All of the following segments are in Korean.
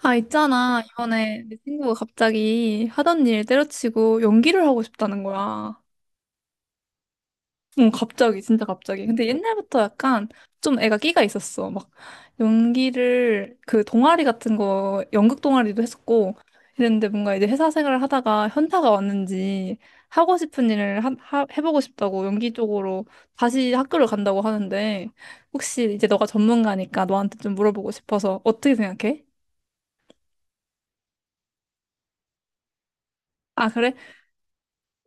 아, 있잖아. 이번에 내 친구가 갑자기 하던 일 때려치고 연기를 하고 싶다는 거야. 응, 갑자기, 진짜 갑자기. 근데 옛날부터 약간 좀 애가 끼가 있었어. 막 연기를 그 동아리 같은 거, 연극 동아리도 했었고 이랬는데 뭔가 이제 회사 생활을 하다가 현타가 왔는지 하고 싶은 일을 해보고 싶다고 연기 쪽으로 다시 학교를 간다고 하는데 혹시 이제 너가 전문가니까 너한테 좀 물어보고 싶어서 어떻게 생각해? 아, 그래?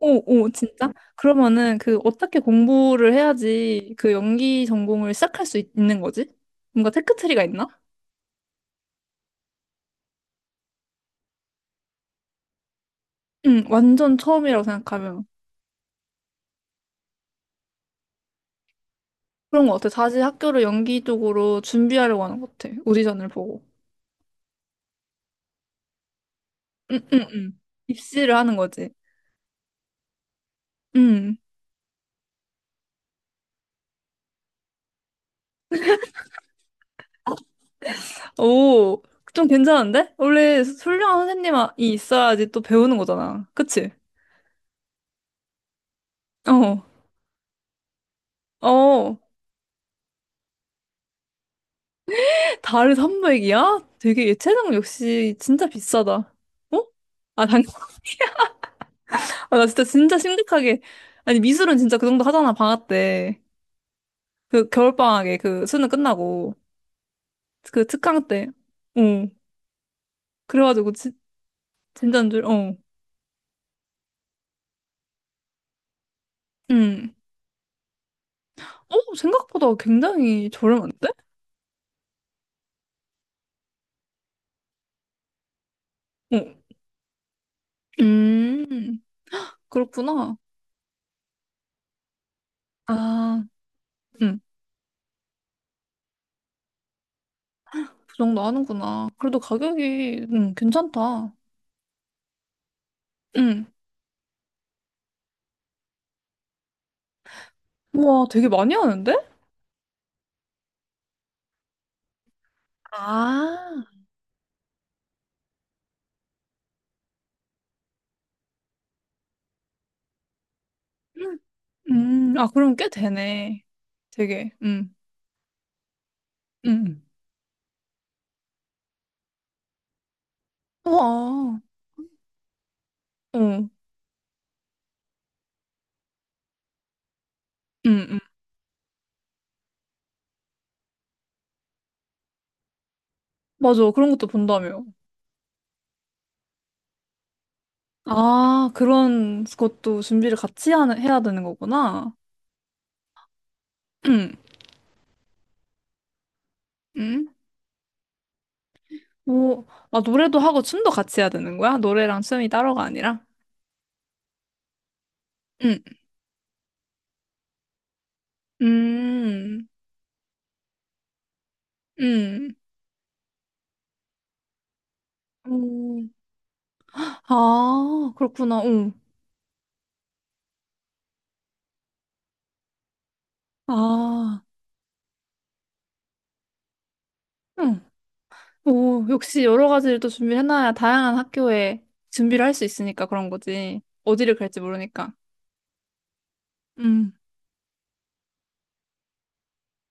오, 오, 진짜? 그러면은 그 어떻게 공부를 해야지 그 연기 전공을 시작할 수 는 거지? 뭔가 테크트리가 있나? 응, 완전 처음이라고 생각하면. 그런 거 같아. 다시 학교를 연기 쪽으로 준비하려고 하는 것 같아. 오디션을 보고. 응, 응, 응. 입시를 하는 거지. 응. 오, 좀 괜찮은데? 원래 훌륭한 선생님이 있어야지 또 배우는 거잖아. 그치? 어, 어. 달에 300이야? 되게 예체능 역시 진짜 비싸다. 어? 아, 당연히. 아, 나 진짜 진짜 심각하게. 아니 미술은 진짜 그 정도 하잖아 방학 때. 그 겨울방학에 그 수능 끝나고 그 특강 때. 어. 그래가지고 진 진짜인 줄. 어. 음. 어 생각보다 굉장히 저렴한데? 어. 음. 그렇구나. 아, 음. 그 정도 하는구나. 그래도 가격이 괜찮다. 음. 우와 되게 많이 하는데? 아, 음. 음. 아 그럼 꽤 되네. 되게 음. 우와. 응. 응, 응. 맞아. 그런 것도 본다며. 아, 그런 것도 준비를 같이 해야 되는 거구나. 응, 응, 오, 아, 노래도 하고 춤도 같이 해야 되는 거야? 노래랑 춤이 따로가 아니라? 응, 음, 응. 오, 아, 그렇구나. 응. 아, 응. 오, 역시 여러 가지를 또 준비해놔야 다양한 학교에 준비를 할 수 있으니까 그런 거지. 어디를 갈지 모르니까. 음,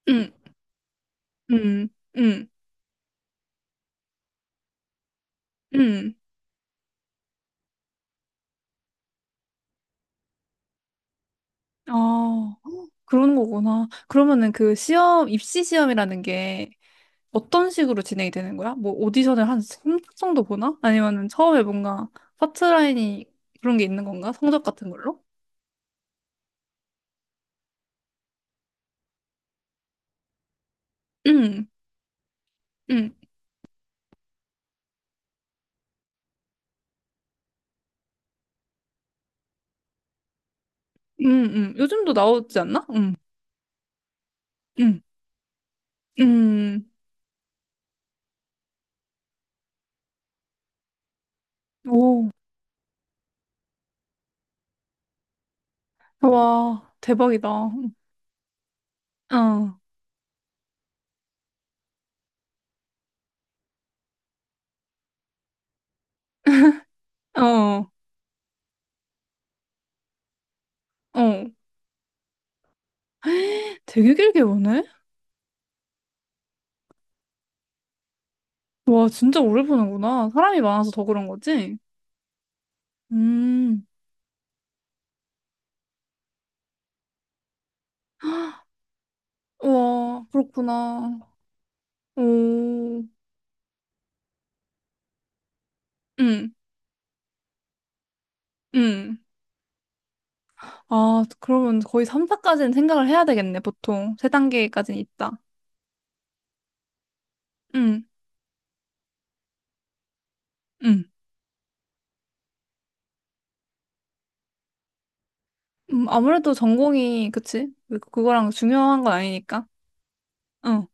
응, 응, 응, 응. 아. 그런 거구나. 그러면은 그 시험, 입시 시험이라는 게 어떤 식으로 진행이 되는 거야? 뭐 오디션을 한3 정도 보나? 아니면은 처음에 뭔가 파트라인이 그런 게 있는 건가? 성적 같은 걸로? 응, 응, 응, 응. 요즘도 나오지 않나? 응, 응, 응. 오, 와, 대박이다. 어, 어, 어. 되게 길게 보네? 와, 진짜 오래 보는구나. 사람이 많아서 더 그런 거지? 음, 와, 그렇구나. 오. 응. 응. 아, 그러면 거의 3사까지는 생각을 해야 되겠네, 보통. 3단계까지는 있다. 응. 응. 아무래도 전공이, 그치? 그거랑 중요한 건 아니니까. 응.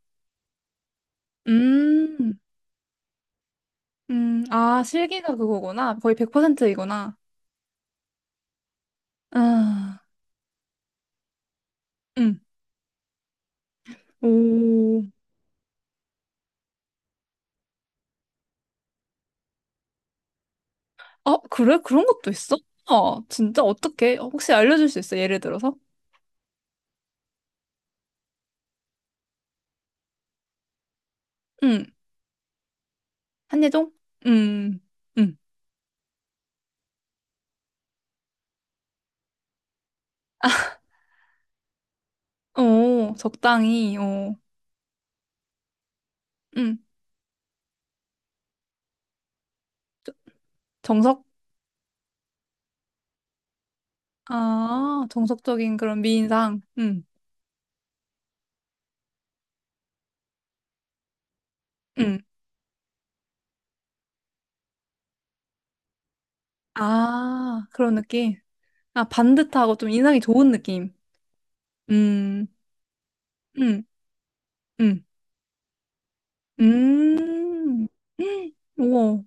음, 아, 실기가 그거구나. 거의 100%이구나. 아, 응. 오. 아, 그래? 그런 것도 있어? 아 진짜? 어떻게? 혹시 알려줄 수 있어? 예를 들어서? 응. 한예종? 음, 음. 오, 적당히, 오. 음. 정석? 아, 정석적인 그런 미인상. 응, 응. 아, 그런 느낌. 아, 반듯하고 좀 인상이 좋은 느낌. 음, 음, 음, 음. 헉, 우와,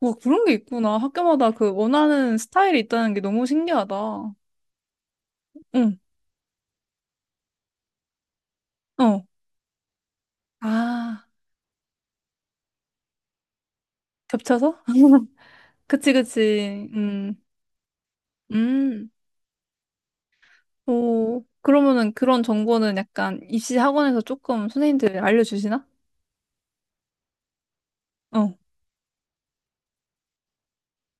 와, 그런 게 있구나. 학교마다 그 원하는 스타일이 있다는 게 너무 신기하다. 응, 어. 아, 겹쳐서? 그치, 그치. 음. 오, 그러면은 그런 정보는 약간 입시 학원에서 조금 선생님들이 알려주시나? 어,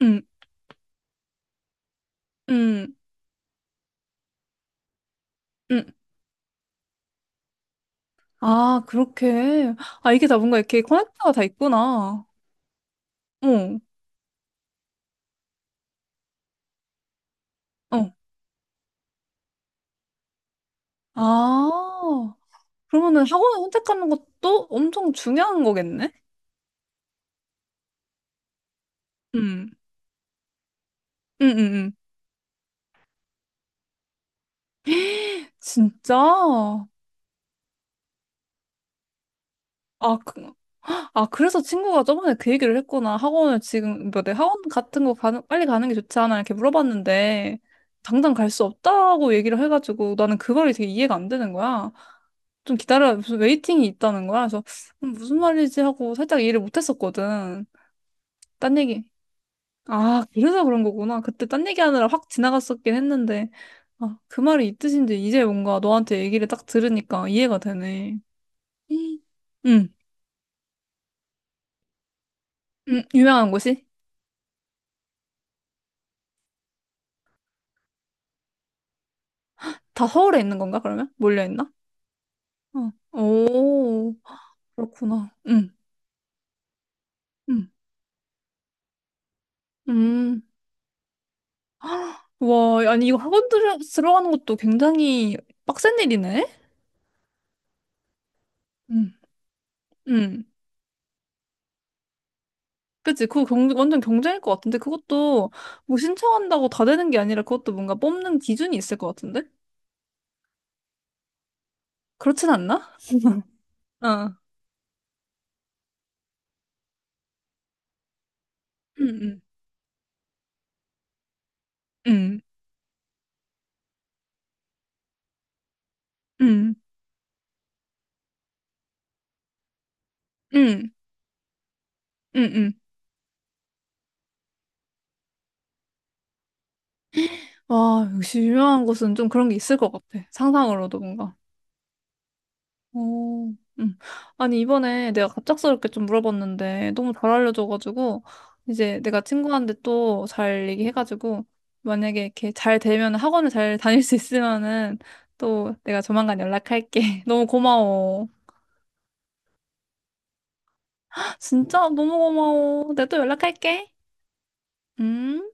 음, 음. 음, 아, 그렇게. 아, 이게 다 뭔가 이렇게 커넥터가 다 있구나. 응, 어. 아, 그러면은 학원을 선택하는 것도 엄청 중요한 거겠네? 응, 응, 응, 응. 진짜? 아, 그, 아, 그래서 친구가 저번에 그 얘기를 했구나. 학원을 지금, 뭐, 내 학원 같은 거 가는, 빨리 가는 게 좋지 않아? 이렇게 물어봤는데, 당장 갈 수 없다고 얘기를 해가지고, 나는 그거를 되게 이해가 안 되는 거야. 좀 기다려, 무슨 웨이팅이 있다는 거야. 그래서 무슨 말이지 하고 살짝 이해를 못했었거든. 딴 얘기. 아, 그래서 그런 거구나. 그때 딴 얘기하느라 확 지나갔었긴 했는데. 아, 그 말이 이 뜻인지 이제 뭔가 너한테 얘기를 딱 들으니까 이해가 되네. 음. 음, 유명한 곳이? 다 서울에 있는 건가, 그러면? 몰려있나? 어. 오, 그렇구나. 음, 음. 와, 아니, 이거 학원 들어가는 것도 굉장히 빡센 일이네? 음, 음. 그치? 그거 완전 경쟁일 것 같은데 그것도 뭐 신청한다고 다 되는 게 아니라 그것도 뭔가 뽑는 기준이 있을 것 같은데? 그렇진 않나? 어. 응, 응, 응, 응, 응, 응. 응. 와, 역시 유명한 곳은 좀 그런 게 있을 것 같아. 상상으로도 뭔가. 오, 아니, 이번에 내가 갑작스럽게 좀 물어봤는데, 너무 잘 알려줘가지고, 이제 내가 친구한테 또 잘 얘기해가지고, 만약에 이렇게 잘 되면 학원을 잘 다닐 수 있으면은, 또 내가 조만간 연락할게. 너무 고마워. 진짜 너무 고마워. 내가 또 연락할게. 음.